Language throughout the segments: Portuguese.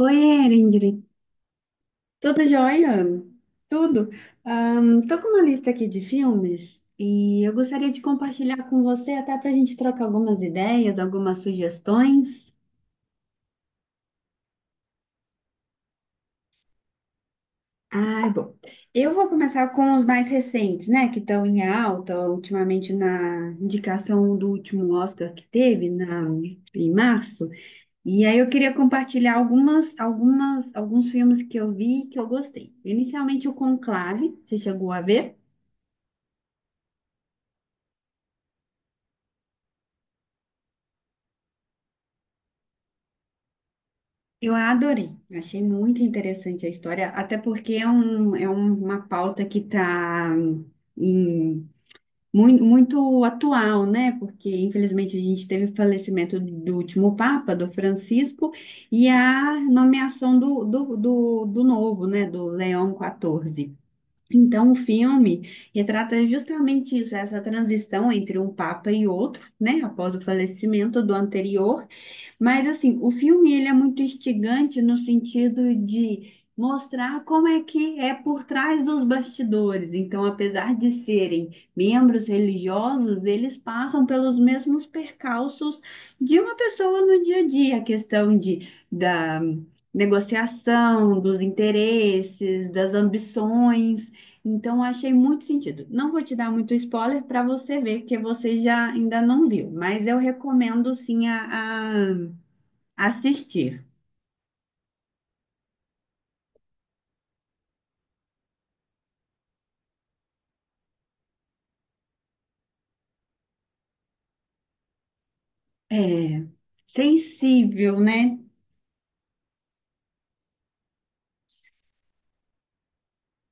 Oi, Ingrid. Tudo jóia? Tudo. Estou tô com uma lista aqui de filmes e eu gostaria de compartilhar com você até para a gente trocar algumas ideias, algumas sugestões. Ah, bom. Eu vou começar com os mais recentes, né, que estão em alta ultimamente na indicação do último Oscar que teve na, em março. E aí eu queria compartilhar alguns filmes que eu vi e que eu gostei. Inicialmente o Conclave, você chegou a ver? Eu a adorei, achei muito interessante a história, até porque uma pauta que está muito atual, né? Porque infelizmente a gente teve o falecimento do último Papa, do Francisco, e a nomeação do novo, né? Do Leão XIV. Então, o filme retrata justamente isso, essa transição entre um Papa e outro, né? Após o falecimento do anterior. Mas assim, o filme ele é muito instigante no sentido de mostrar como é que é por trás dos bastidores. Então, apesar de serem membros religiosos, eles passam pelos mesmos percalços de uma pessoa no dia a dia, a questão de da negociação, dos interesses, das ambições. Então, achei muito sentido. Não vou te dar muito spoiler para você ver, porque você já ainda não viu, mas eu recomendo sim assistir. É, sensível, né?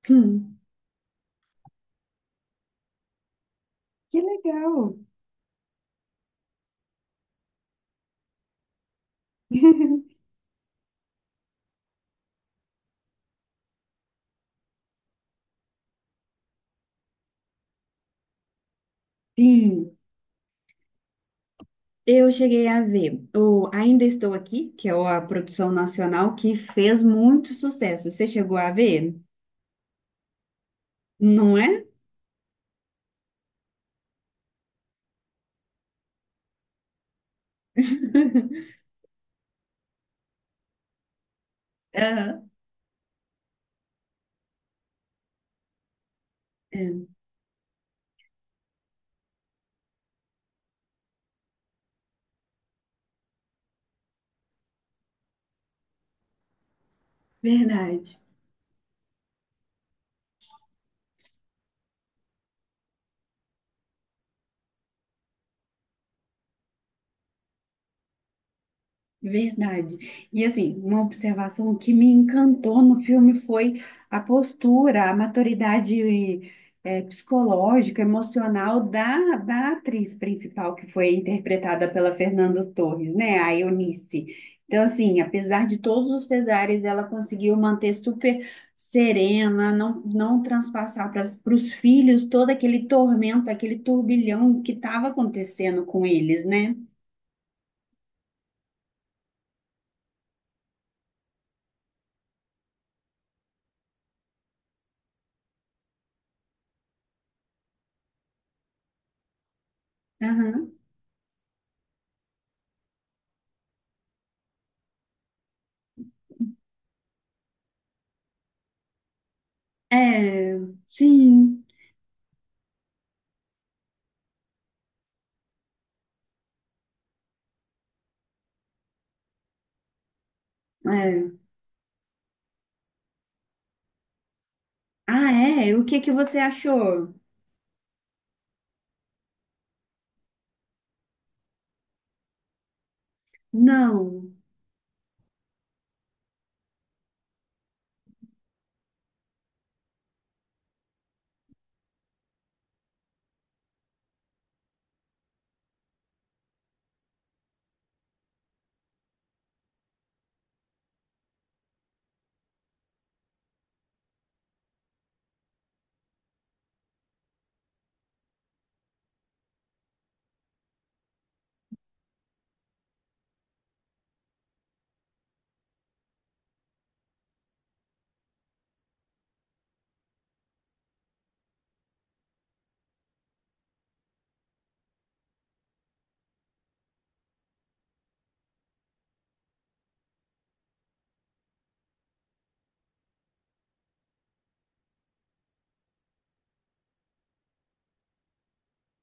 Hum, que legal. Sim, eu cheguei a ver o Ainda Estou Aqui, que é a produção nacional que fez muito sucesso. Você chegou a ver? Não é? Aham. É, verdade. Verdade. E assim, uma observação que me encantou no filme foi a postura, a maturidade psicológica, emocional da atriz principal que foi interpretada pela Fernanda Torres, né? A Eunice. Então, assim, apesar de todos os pesares, ela conseguiu manter super serena, não transpassar para os filhos todo aquele tormento, aquele turbilhão que estava acontecendo com eles, né? É, sim. É. Ah, é? O que que você achou? Não.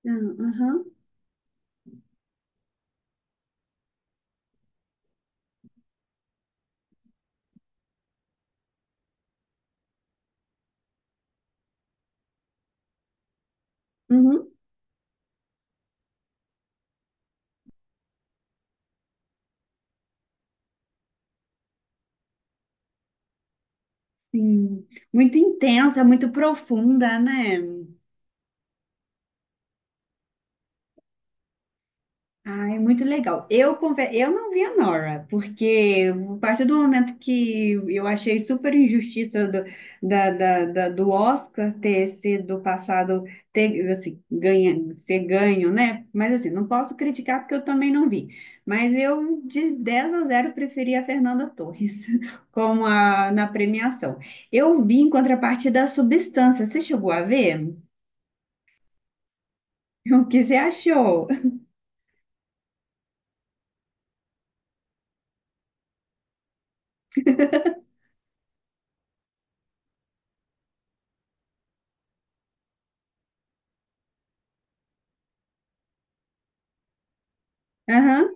Não, aham. Uhum. Sim. Muito intensa, muito profunda, né? Ai, muito legal. Eu não vi a Nora, porque a partir do momento que eu achei super injustiça do, da, da, da- do Oscar ter sido passado, ter, assim, ganha, ser ganho, né? Mas assim, não posso criticar porque eu também não vi. Mas eu, de 10 a zero preferi a Fernanda Torres como a, na premiação. Eu vi em contrapartida a Substância. Você chegou a ver? O que você achou? Aham.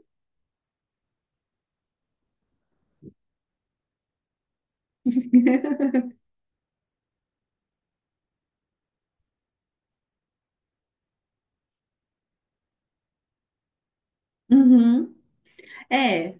Uhum. É.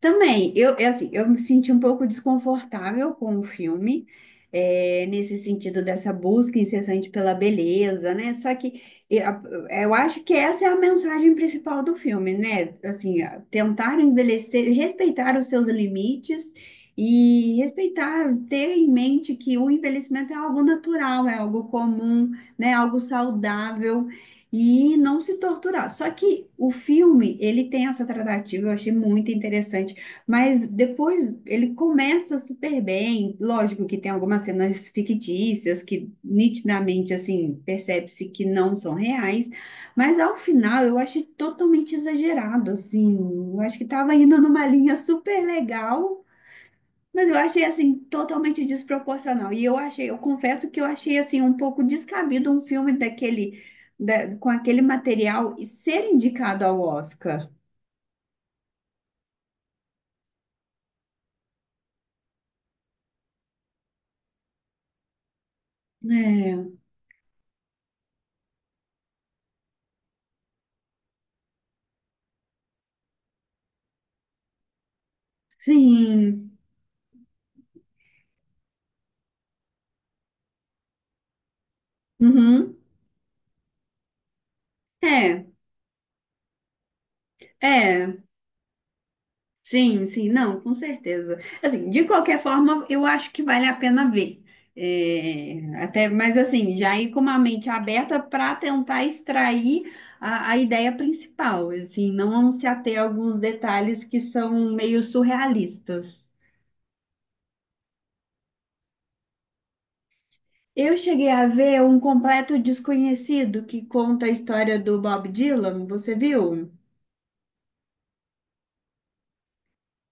Também, eu, é assim, eu me senti um pouco desconfortável com o filme, é, nesse sentido dessa busca incessante pela beleza, né? Só que eu, eu acho que essa é a mensagem principal do filme, né? Assim, a- tentar envelhecer, respeitar os seus limites e respeitar, ter em mente que o envelhecimento é algo natural, é algo comum, né? Algo saudável. E não se torturar. Só que o filme, ele tem essa tratativa, eu achei muito interessante, mas depois ele começa super bem. Lógico que tem algumas cenas fictícias que nitidamente assim percebe-se que não são reais, mas ao final eu achei totalmente exagerado assim. Eu acho que estava indo numa linha super legal, mas eu achei assim totalmente desproporcional. E eu achei, eu confesso que eu achei assim um pouco descabido um filme daquele com aquele material e ser indicado ao Oscar. É, sim. Uhum. É. É, sim, sim, não, com certeza. Assim, de qualquer forma, eu acho que vale a pena ver. É, até, mas assim, já ir com uma mente aberta para tentar extrair a ideia principal, assim, não se ater a alguns detalhes que são meio surrealistas. Eu cheguei a ver um completo desconhecido que conta a história do Bob Dylan, você viu?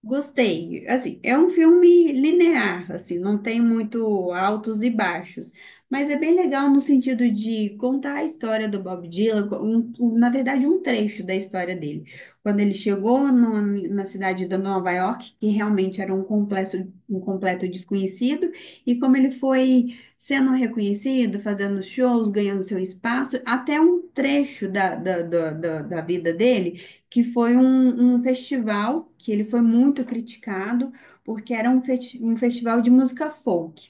Gostei. Assim, é um filme linear, assim, não tem muito altos e baixos, mas é bem legal no sentido de contar a história do Bob Dylan, na verdade, um trecho da história dele. Quando ele chegou na cidade de Nova York, que realmente era um completo desconhecido, e como ele foi sendo reconhecido, fazendo shows, ganhando seu espaço, até um trecho da vida dele que foi um, um festival que ele foi muito criticado, porque era um, um festival de música folk,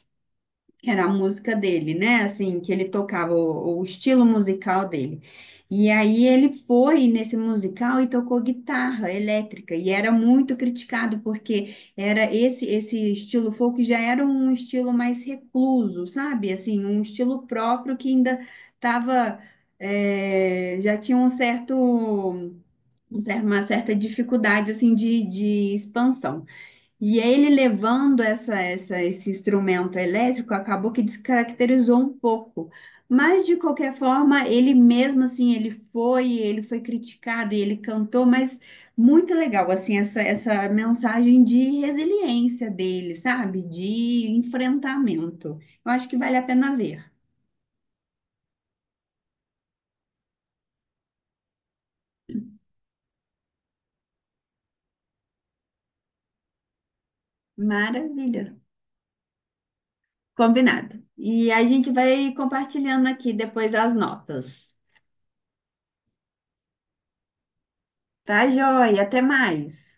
que era a música dele, né? Assim, que ele tocava o estilo musical dele. E aí ele foi nesse musical e tocou guitarra elétrica, e era muito criticado, porque era esse estilo folk já era um estilo mais recluso, sabe? Assim, um estilo próprio que ainda estava já tinha uma certa dificuldade assim de expansão. E ele levando esse instrumento elétrico acabou que descaracterizou um pouco. Mas de qualquer forma, ele mesmo assim, ele foi criticado e ele cantou, mas muito legal assim essa mensagem de resiliência dele, sabe? De enfrentamento. Eu acho que vale a pena ver. Maravilha. Combinado. E a gente vai compartilhando aqui depois as notas. Tá, joia. Até mais.